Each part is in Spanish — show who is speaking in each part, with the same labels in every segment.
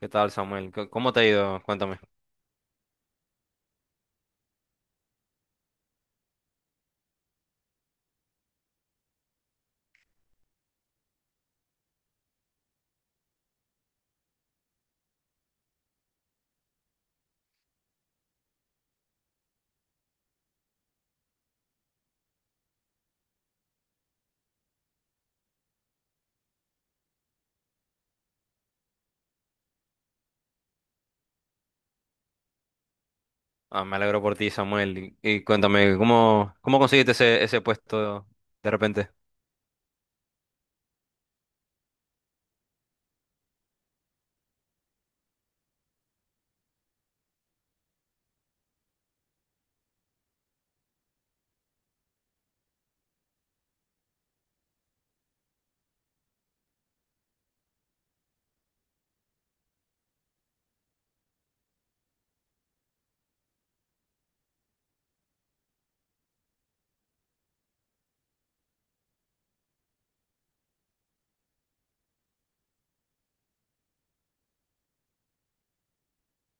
Speaker 1: ¿Qué tal, Samuel? ¿¿Cómo te ha ido? Cuéntame. Ah, me alegro por ti, Samuel. Y cuéntame, ¿cómo conseguiste ese puesto de repente?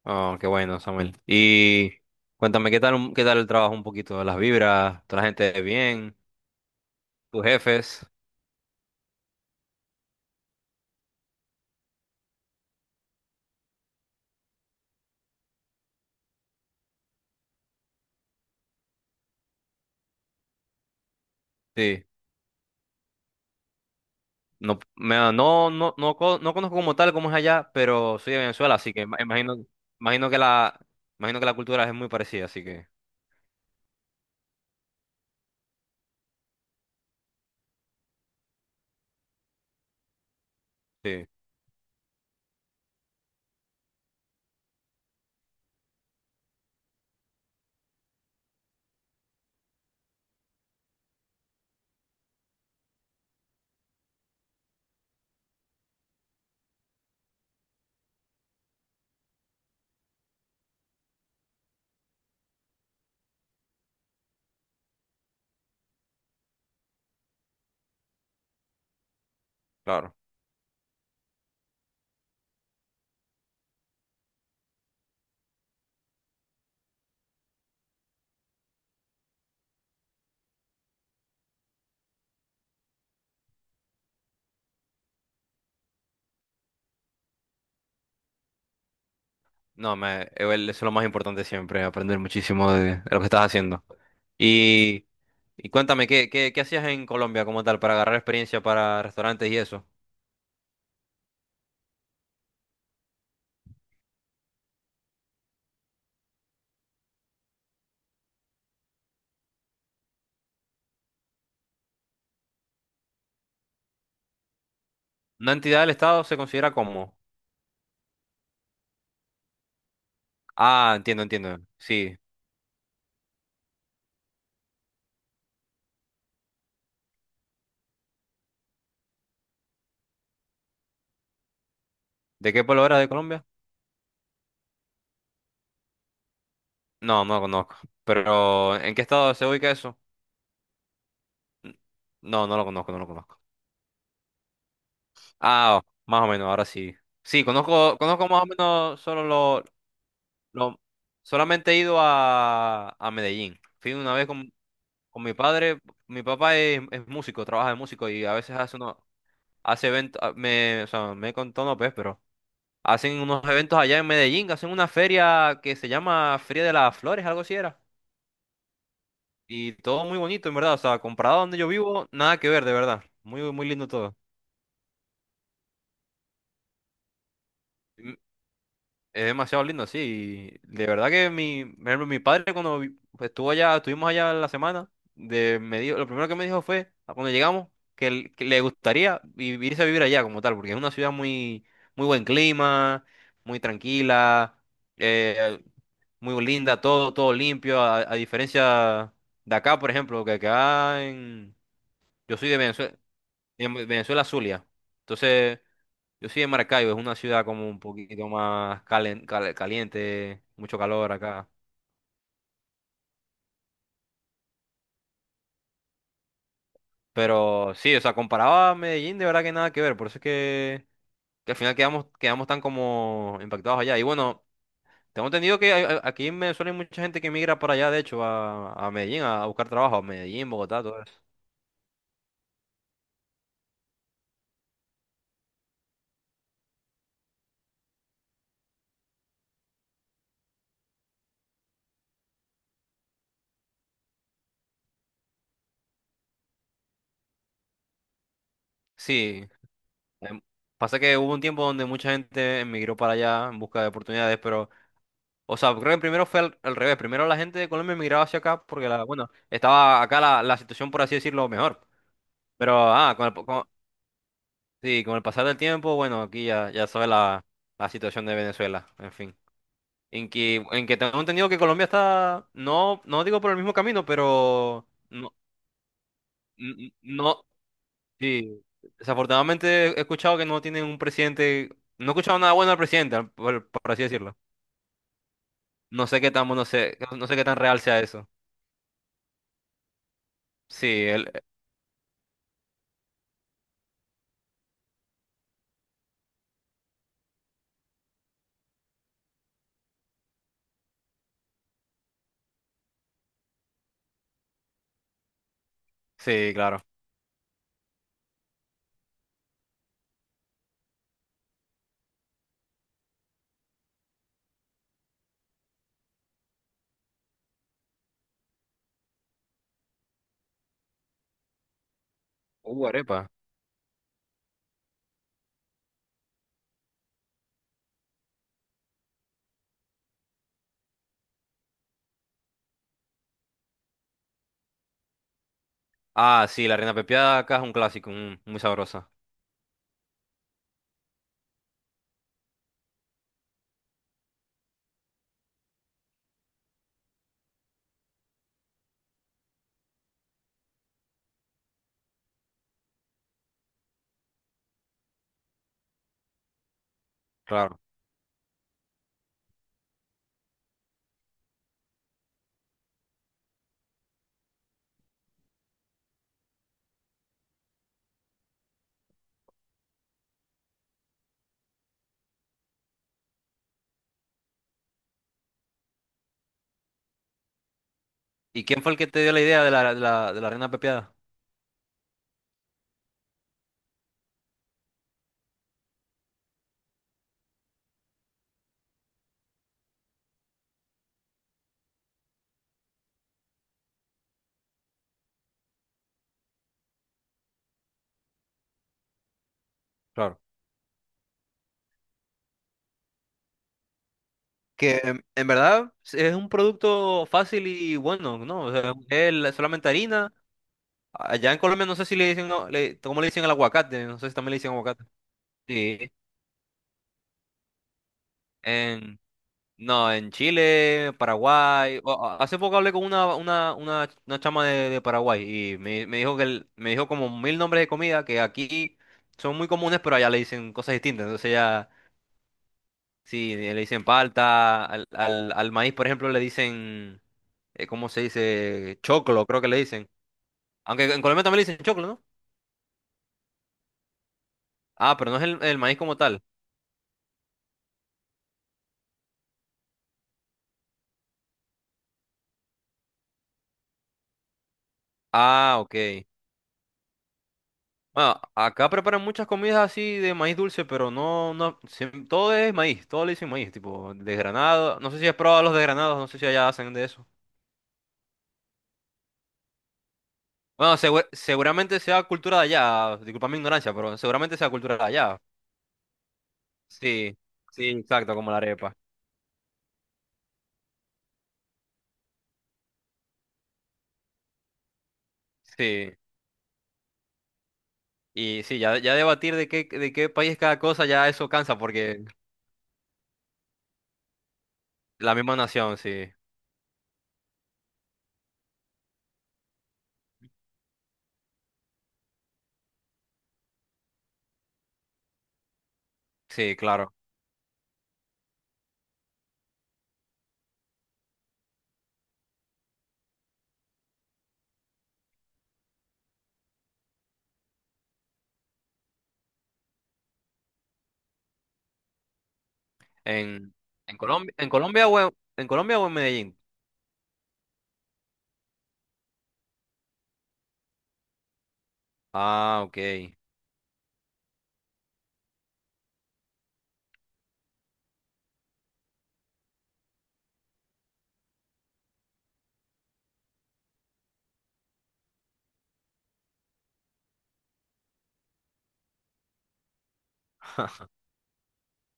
Speaker 1: Oh, qué bueno, Samuel. Y cuéntame, ¿ qué tal el trabajo un poquito? ¿Las vibras? ¿Toda la gente bien? ¿Tus jefes? Sí. No, me, no, no, no, co- No conozco como tal cómo es allá, pero soy de Venezuela, así que imagino, imagino que la, imagino que la cultura es muy parecida, así que sí, claro. No, me, Igual eso es lo más importante siempre, aprender muchísimo de lo que estás haciendo. Y, y cuéntame, ¿qué hacías en Colombia como tal para agarrar experiencia para restaurantes y eso? ¿Una entidad del Estado se considera como? Ah, entiendo, entiendo. Sí. ¿De qué pueblo era de Colombia? No, no lo conozco. Pero, ¿en qué estado se ubica eso? N- No, no lo conozco, no lo conozco. Ah, más o menos, ahora sí. Sí, conozco, conozco más o menos lo- solamente he ido a Medellín. Fui una vez con mi padre, mi papá es músico, trabaja de músico y a veces hace eventos, o sea, me contó no pues, pero hacen unos eventos allá en Medellín, hacen una feria que se llama Feria de las Flores, algo así era. Y todo muy bonito, en verdad, o sea, comparado a donde yo vivo, nada que ver, de verdad. Muy, muy lindo todo. Es demasiado lindo, sí. y De verdad que por ejemplo, mi padre cuando estuvo allá, estuvimos allá la semana, me dijo, lo primero que me dijo fue, a cuando llegamos, que le gustaría irse a vivir allá como tal, porque es una ciudad muy, muy buen clima, muy tranquila, eh, muy linda, todo, todo limpio, a diferencia de acá, por ejemplo, que acá en, yo soy de Venezuela, en Venezuela, Zulia. Entonces, yo soy de Maracaibo, es una ciudad como un poquito más caliente, mucho calor acá. Pero sí, o sea, comparado a Medellín, de verdad que nada que ver. Por eso es que al final quedamos, quedamos tan como impactados allá. Y bueno, tengo entendido que aquí en Venezuela hay mucha gente que migra para allá, de hecho, a Medellín, a buscar trabajo, a Medellín, Bogotá, todo eso. Sí, em, pasa que hubo un tiempo donde mucha gente emigró para allá en busca de oportunidades, pero... O sea, creo que primero fue al, al revés. Primero la gente de Colombia emigraba hacia acá porque, la, bueno, estaba acá la, la situación, por así decirlo, mejor. Pero, ah, con el, po- con- sí, con el pasar del tiempo, bueno, aquí ya, ya sabes la, la situación de Venezuela, en fin. En que tengo entendido que Colombia está, no, no digo por el mismo camino, pero no, no, sí. Desafortunadamente he escuchado que no tienen un presidente, no he escuchado nada bueno del presidente, por así decirlo. No sé qué tan, no sé qué tan real sea eso. Sí, él, sí, claro. Arepa. Ah, sí, la reina pepiada acá es un clásico, mm, muy sabrosa. Claro. ¿Y quién fue el que te dio la idea de la, de la, de la reina pepiada? Claro. Que en verdad es un producto fácil y bueno, ¿no? O sea, solamente harina. Allá en Colombia no sé si le dicen, no, le, ¿cómo le dicen al aguacate? No sé si también le dicen aguacate. Sí. en No, en Chile, Paraguay. Hace poco hablé con una chama de Paraguay y me dijo que me dijo como mil nombres de comida que aquí son muy comunes, pero allá le dicen cosas distintas. Entonces ya, sí, le dicen palta, al maíz, por ejemplo, le dicen, ¿cómo se dice? Choclo, creo que le dicen. Aunque en Colombia también le dicen choclo, ¿no? Ah, pero no es el maíz como tal. Ah, ok. Bueno, acá preparan muchas comidas así de maíz dulce, pero no, no, todo es maíz, todo le dicen maíz, tipo desgranado. No sé si has probado los desgranados, no sé si allá hacen de eso. Bueno, seguramente sea cultura de allá, disculpa mi ignorancia, pero seguramente sea cultura de allá. Sí, sí, exacto, como la arepa. Sí, y sí, ya, ya debatir de qué país cada cosa, ya eso cansa, porque la misma nación, sí, sí, claro. En, en Colombia o en Colombia o en Medellín. Ah, ok.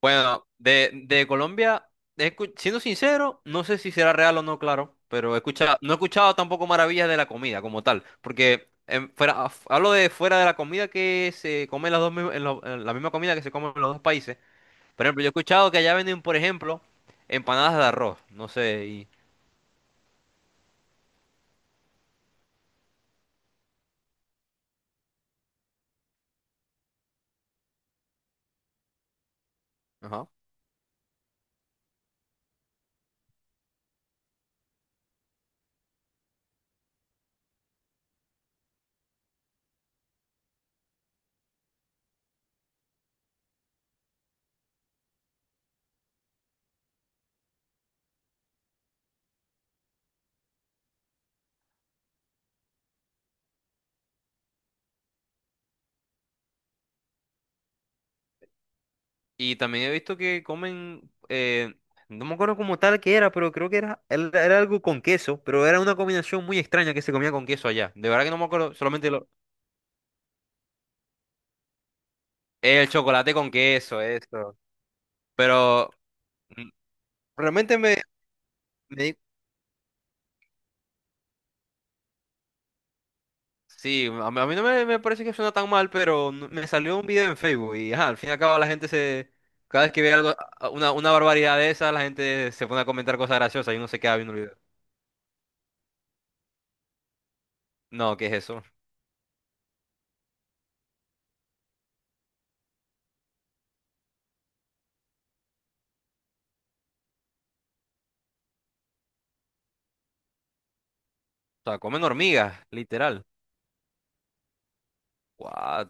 Speaker 1: Bueno, de Colombia, siendo sincero, no sé si será real o no, claro, pero he escuchado, no he escuchado tampoco maravillas de la comida como tal, porque en fuera, hablo de fuera de la comida que se come en, las dos, en la misma comida que se come en los dos países. Por ejemplo, yo he escuchado que allá venden, por ejemplo, empanadas de arroz, no sé, y, ajá. Y también he visto que comen, no me acuerdo como tal que era, pero creo que era, era algo con queso, pero era una combinación muy extraña que se comía con queso allá. De verdad que no me acuerdo, solamente lo... El chocolate con queso, eso. Pero mm, realmente me di- sí, a mí no me, me parece que suena tan mal, pero me salió un video en Facebook y ajá, al fin y al cabo la gente se, cada vez que ve algo, una barbaridad de esa, la gente se pone a comentar cosas graciosas y uno se queda viendo el video. No, ¿qué es eso? O sea, comen hormigas, literal. What?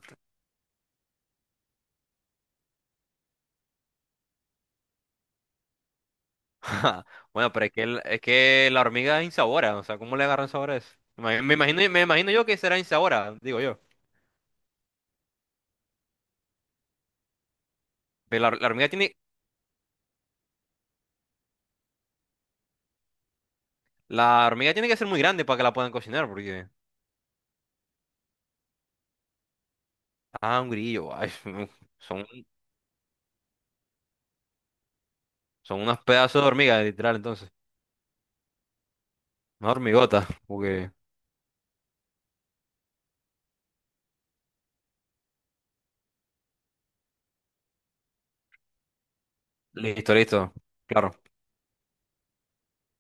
Speaker 1: Bueno, pero es que, es que la hormiga es insabora, o sea, ¿cómo le agarran sabor a eso? Me imagino, me imagino yo que será insabora, digo yo. Pero la hormiga tiene La hormiga tiene que ser muy grande para que la puedan cocinar, porque. Ah, un grillo. Ay, son, son unos pedazos de hormiga, literal, entonces. Una hormigota, porque. Listo, listo. Claro.